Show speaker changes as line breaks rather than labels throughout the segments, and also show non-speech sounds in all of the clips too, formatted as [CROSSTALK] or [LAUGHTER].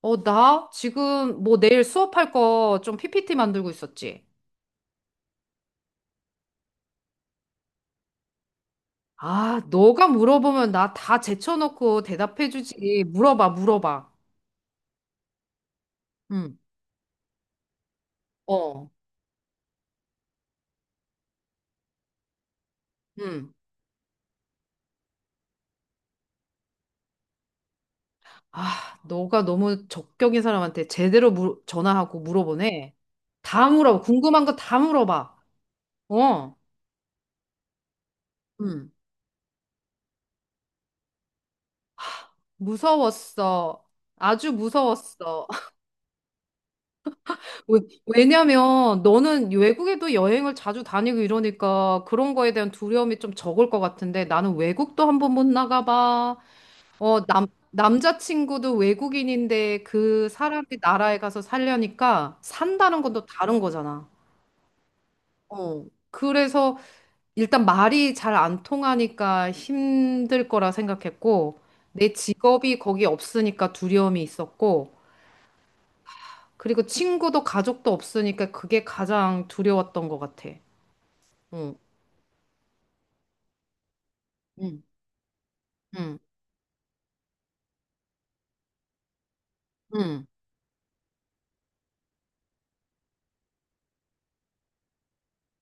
어, 나 지금 뭐 내일 수업할 거 좀 PPT 만들고 있었지. 아, 너가 물어보면 나 다 제쳐놓고 대답해주지. 물어봐, 물어봐. 응, 어, 응. 아, 너가 너무 적격인 사람한테 제대로 전화하고 물어보네. 다 물어봐. 궁금한 거 다 물어봐. 어, 응. 무서웠어. 아주 무서웠어. 왜- 왜냐면 너는 외국에도 여행을 자주 다니고 이러니까 그런 거에 대한 두려움이 좀 적을 것 같은데 나는 외국도 한 번 못 나가봐. 어, 남자친구도 외국인인데 그 사람이 나라에 가서 살려니까 산다는 건 또 다른 거잖아. 어. 그래서 일단 말이 잘 안 통하니까 힘들 거라 생각했고 내 직업이 거기 없으니까 두려움이 있었고 그리고 친구도 가족도 없으니까 그게 가장 두려웠던 것 같아. 어, 응, 응, 응.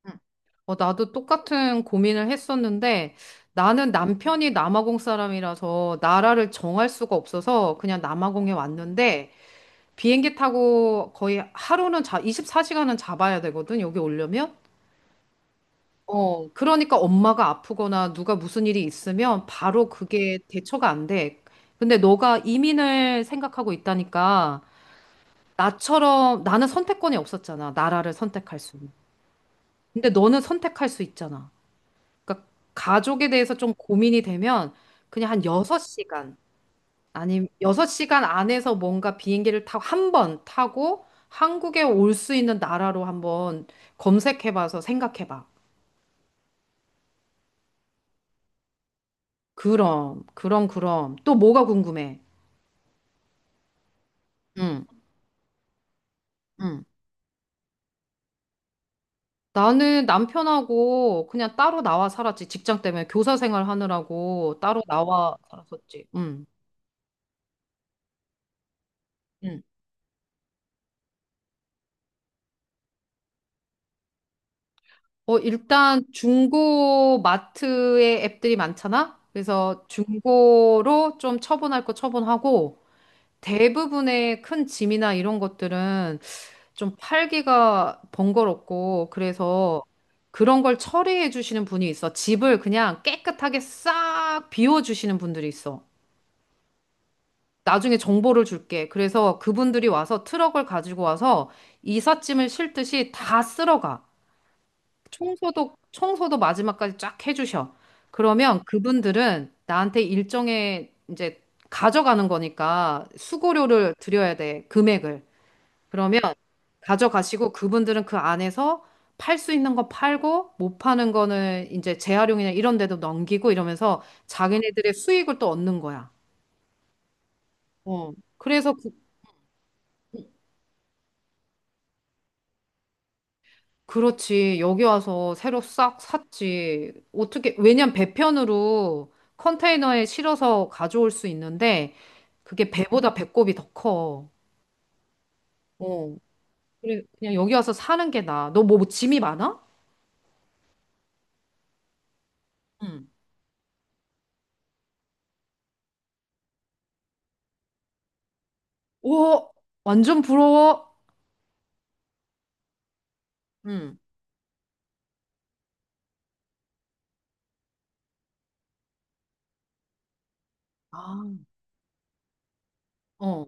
응. 어, 나도 똑같은 고민을 했었는데 나는 남편이 남아공 사람이라서 나라를 정할 수가 없어서 그냥 남아공에 왔는데 비행기 타고 거의 하루는 자, 24시간은 잡아야 되거든, 여기 오려면. 어, 그러니까 엄마가 아프거나 누가 무슨 일이 있으면 바로 그게 대처가 안 돼. 근데 너가 이민을 생각하고 있다니까 나처럼 나는 선택권이 없었잖아, 나라를 선택할 수. 근데 너는 선택할 수 있잖아. 그러니까 가족에 대해서 좀 고민이 되면 그냥 한 6시간 아니면 6시간 안에서 뭔가 비행기를 타고 한 번 타고 한국에 올 수 있는 나라로 한번 검색해봐서 생각해봐. 그럼, 그럼, 그럼. 또 뭐가 궁금해? 응, 응. 나는 남편하고 그냥 따로 나와 살았지. 직장 때문에 교사 생활 하느라고 따로 나와 살았었지. 응, 응. 어, 일단 중고 마트에 앱들이 많잖아? 그래서 중고로 좀 처분할 거 처분하고 대부분의 큰 짐이나 이런 것들은 좀 팔기가 번거롭고 그래서 그런 걸 처리해 주시는 분이 있어. 집을 그냥 깨끗하게 싹 비워 주시는 분들이 있어. 나중에 정보를 줄게. 그래서 그분들이 와서 트럭을 가지고 와서 이삿짐을 싣듯이 다 쓸어가. 청소도 마지막까지 쫙 해주셔. 그러면 그분들은 나한테 일정의 이제 가져가는 거니까 수고료를 드려야 돼. 금액을. 그러면 가져가시고 그분들은 그 안에서 팔 수 있는 거 팔고 못 파는 거는 이제 재활용이나 이런 데도 넘기고 이러면서 자기네들의 수익을 또 얻는 거야. 어. 그래서 그렇지. 여기 와서 새로 싹 샀지. 어떻게, 왜냐면 배편으로 컨테이너에 실어서 가져올 수 있는데, 그게 배보다 배꼽이 더 커. 어. 그래, 그냥 여기 와서 사는 게 나아. 너 뭐 짐이 많아? 응, 오, 완전 부러워. 응. 아, 어.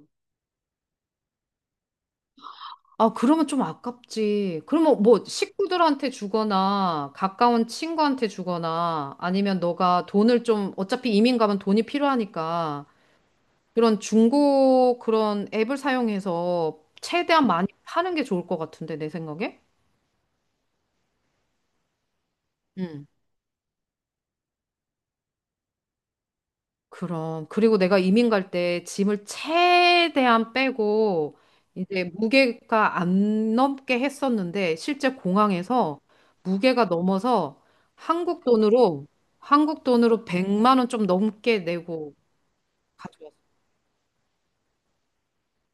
아, 그러면 좀 아깝지. 그러면 뭐 식구들한테 주거나 가까운 친구한테 주거나 아니면 너가 돈을 좀 어차피 이민 가면 돈이 필요하니까 그런 중고 그런 앱을 사용해서 최대한 많이 파는 게 좋을 것 같은데, 내 생각에? 응. 그럼. 그리고 내가 이민 갈 때 짐을 최대한 빼고, 이제 무게가 안 넘게 했었는데, 실제 공항에서 무게가 넘어서 한국 돈으로, 한국 돈으로 100만 원 좀 넘게 내고 가져왔어.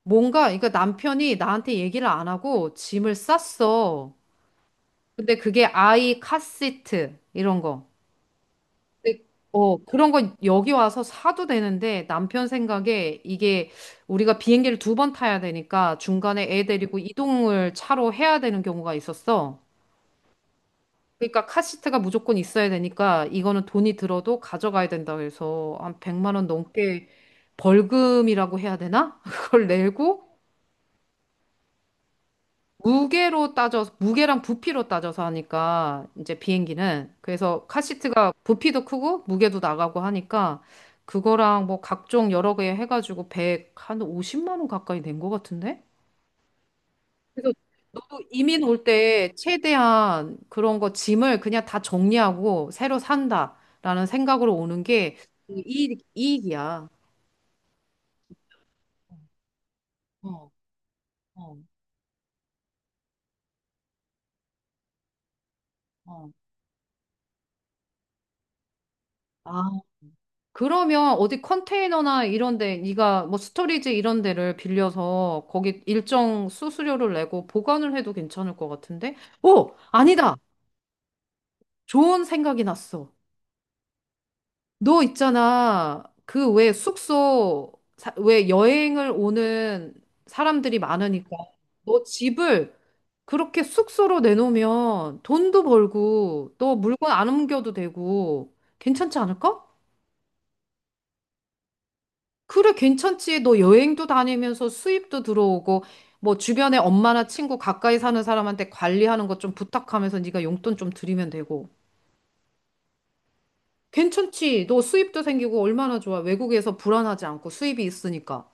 뭔가, 그러니까 남편이 나한테 얘기를 안 하고 짐을 쌌어. 근데 그게 아이 카시트, 이런 거. 근데, 어, 그런 건 여기 와서 사도 되는데 남편 생각에 이게 우리가 비행기를 두 번 타야 되니까 중간에 애 데리고 이동을 차로 해야 되는 경우가 있었어. 그러니까 카시트가 무조건 있어야 되니까 이거는 돈이 들어도 가져가야 된다 그래서 한 100만 원 넘게 벌금이라고 해야 되나? [LAUGHS] 그걸 내고 무게로 따져서, 무게랑 부피로 따져서 하니까, 이제 비행기는. 그래서 카시트가 부피도 크고, 무게도 나가고 하니까, 그거랑 뭐 각종 여러 개 해가지고 백한 50만 원 가까이 낸 것 같은데? 그래서 너도 이민 올 때 최대한 그런 거 짐을 그냥 다 정리하고 새로 산다라는 생각으로 오는 게 이익이야. 어, 어, 어. 아, 그러면 어디 컨테이너나 이런 데, 네가 뭐 스토리지 이런 데를 빌려서 거기 일정 수수료를 내고 보관을 해도 괜찮을 것 같은데? 오, 아니다. 좋은 생각이 났어. 너 있잖아. 그 왜 숙소, 왜 여행을 오는 사람들이 많으니까 너 집을 그렇게 숙소로 내놓으면 돈도 벌고 또 물건 안 옮겨도 되고 괜찮지 않을까? 그래, 괜찮지. 너 여행도 다니면서 수입도 들어오고, 뭐 주변에 엄마나 친구 가까이 사는 사람한테 관리하는 것 좀 부탁하면서 네가 용돈 좀 드리면 되고. 괜찮지. 너 수입도 생기고 얼마나 좋아. 외국에서 불안하지 않고 수입이 있으니까.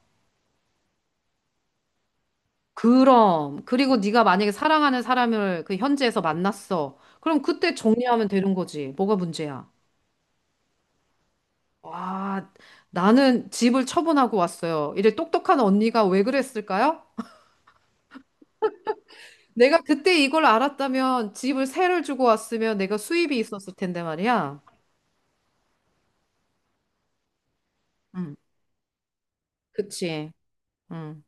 그럼. 그리고 네가 만약에 사랑하는 사람을 그 현지에서 만났어. 그럼 그때 정리하면 되는 거지. 뭐가 문제야? 와, 나는 집을 처분하고 왔어요. 이래 똑똑한 언니가 왜 그랬을까요? 내가 그때 이걸 알았다면 집을 세를 주고 왔으면 내가 수입이 있었을 텐데 말이야. 응. 그치? 응.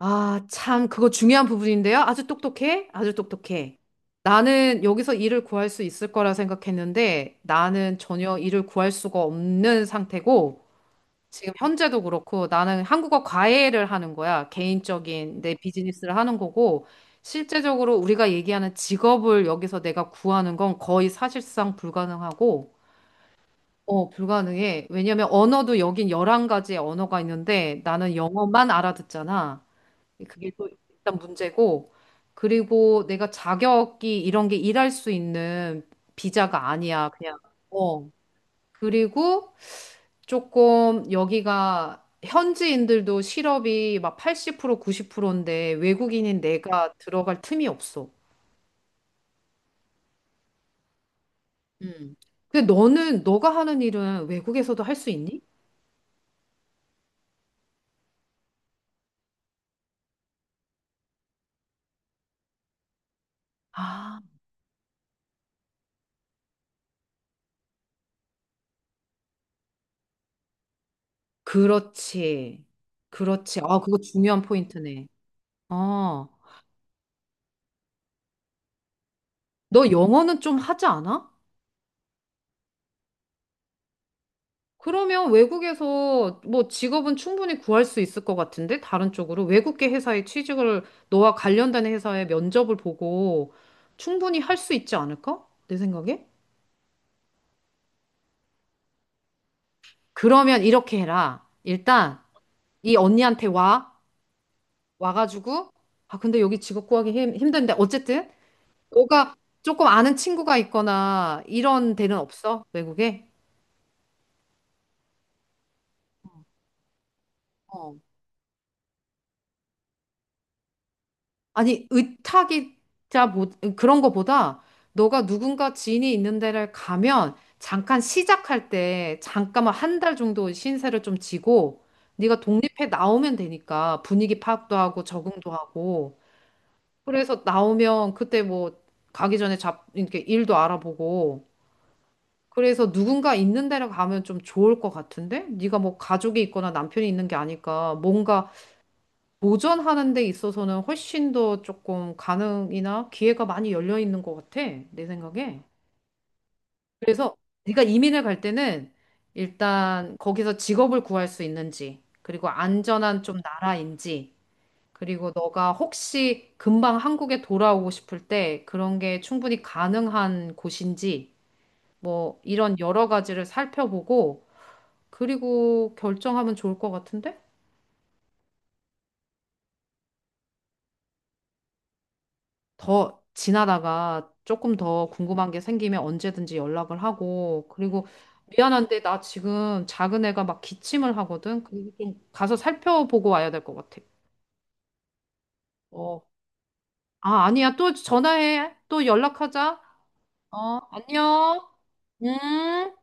아, 참, 그거 중요한 부분인데요. 아주 똑똑해? 아주 똑똑해. 나는 여기서 일을 구할 수 있을 거라 생각했는데 나는 전혀 일을 구할 수가 없는 상태고 지금 현재도 그렇고 나는 한국어 과외를 하는 거야. 개인적인 내 비즈니스를 하는 거고 실제적으로 우리가 얘기하는 직업을 여기서 내가 구하는 건 거의 사실상 불가능하고 어, 불가능해. 왜냐면 언어도 여긴 11가지의 언어가 있는데 나는 영어만 알아듣잖아. 그게 또 일단 문제고. 그리고 내가 자격이 이런 게 일할 수 있는 비자가 아니야. 그냥. 어. 그리고 조금 여기가 현지인들도 실업이 막 80% 90%인데 외국인인 내가 들어갈 틈이 없어. 음. 근데 너는 너가 하는 일은 외국에서도 할 수 있니? 아. 그렇지. 그렇지. 아, 그거 중요한 포인트네. 아, 너 영어는 좀 하지 않아? 그러면 외국에서 뭐 직업은 충분히 구할 수 있을 것 같은데? 다른 쪽으로? 외국계 회사에 취직을, 너와 관련된 회사의 면접을 보고 충분히 할 수 있지 않을까? 내 생각에? 그러면 이렇게 해라. 일단, 이 언니한테 와. 와가지고, 아, 근데 여기 직업 구하기 힘든데. 어쨌든, 너가 조금 아는 친구가 있거나 이런 데는 없어? 외국에? 어. 아니, 의탁이자 뭐, 그런 거보다 너가 누군가 지인이 있는 데를 가면 잠깐 시작할 때 잠깐만 한 달 정도 신세를 좀 지고 네가 독립해 나오면 되니까 분위기 파악도 하고 적응도 하고 그래서 나오면 그때 뭐 가기 전에 잡 이렇게 일도 알아보고 그래서 누군가 있는 데를 가면 좀 좋을 것 같은데? 네가 뭐 가족이 있거나 남편이 있는 게 아니까 뭔가 도전하는 데 있어서는 훨씬 더 조금 가능이나 기회가 많이 열려 있는 것 같아. 내 생각에. 그래서 네가 이민을 갈 때는 일단 거기서 직업을 구할 수 있는지, 그리고 안전한 좀 나라인지, 그리고 너가 혹시 금방 한국에 돌아오고 싶을 때 그런 게 충분히 가능한 곳인지, 뭐 이런 여러 가지를 살펴보고 그리고 결정하면 좋을 것 같은데? 더 지나다가 조금 더 궁금한 게 생기면 언제든지 연락을 하고, 그리고 미안한데 나 지금 작은 애가 막 기침을 하거든? 그리고 좀 가서 살펴보고 와야 될 것 같아. 어. 아, 아니야. 또 전화해. 또 연락하자. 어, 안녕. 음.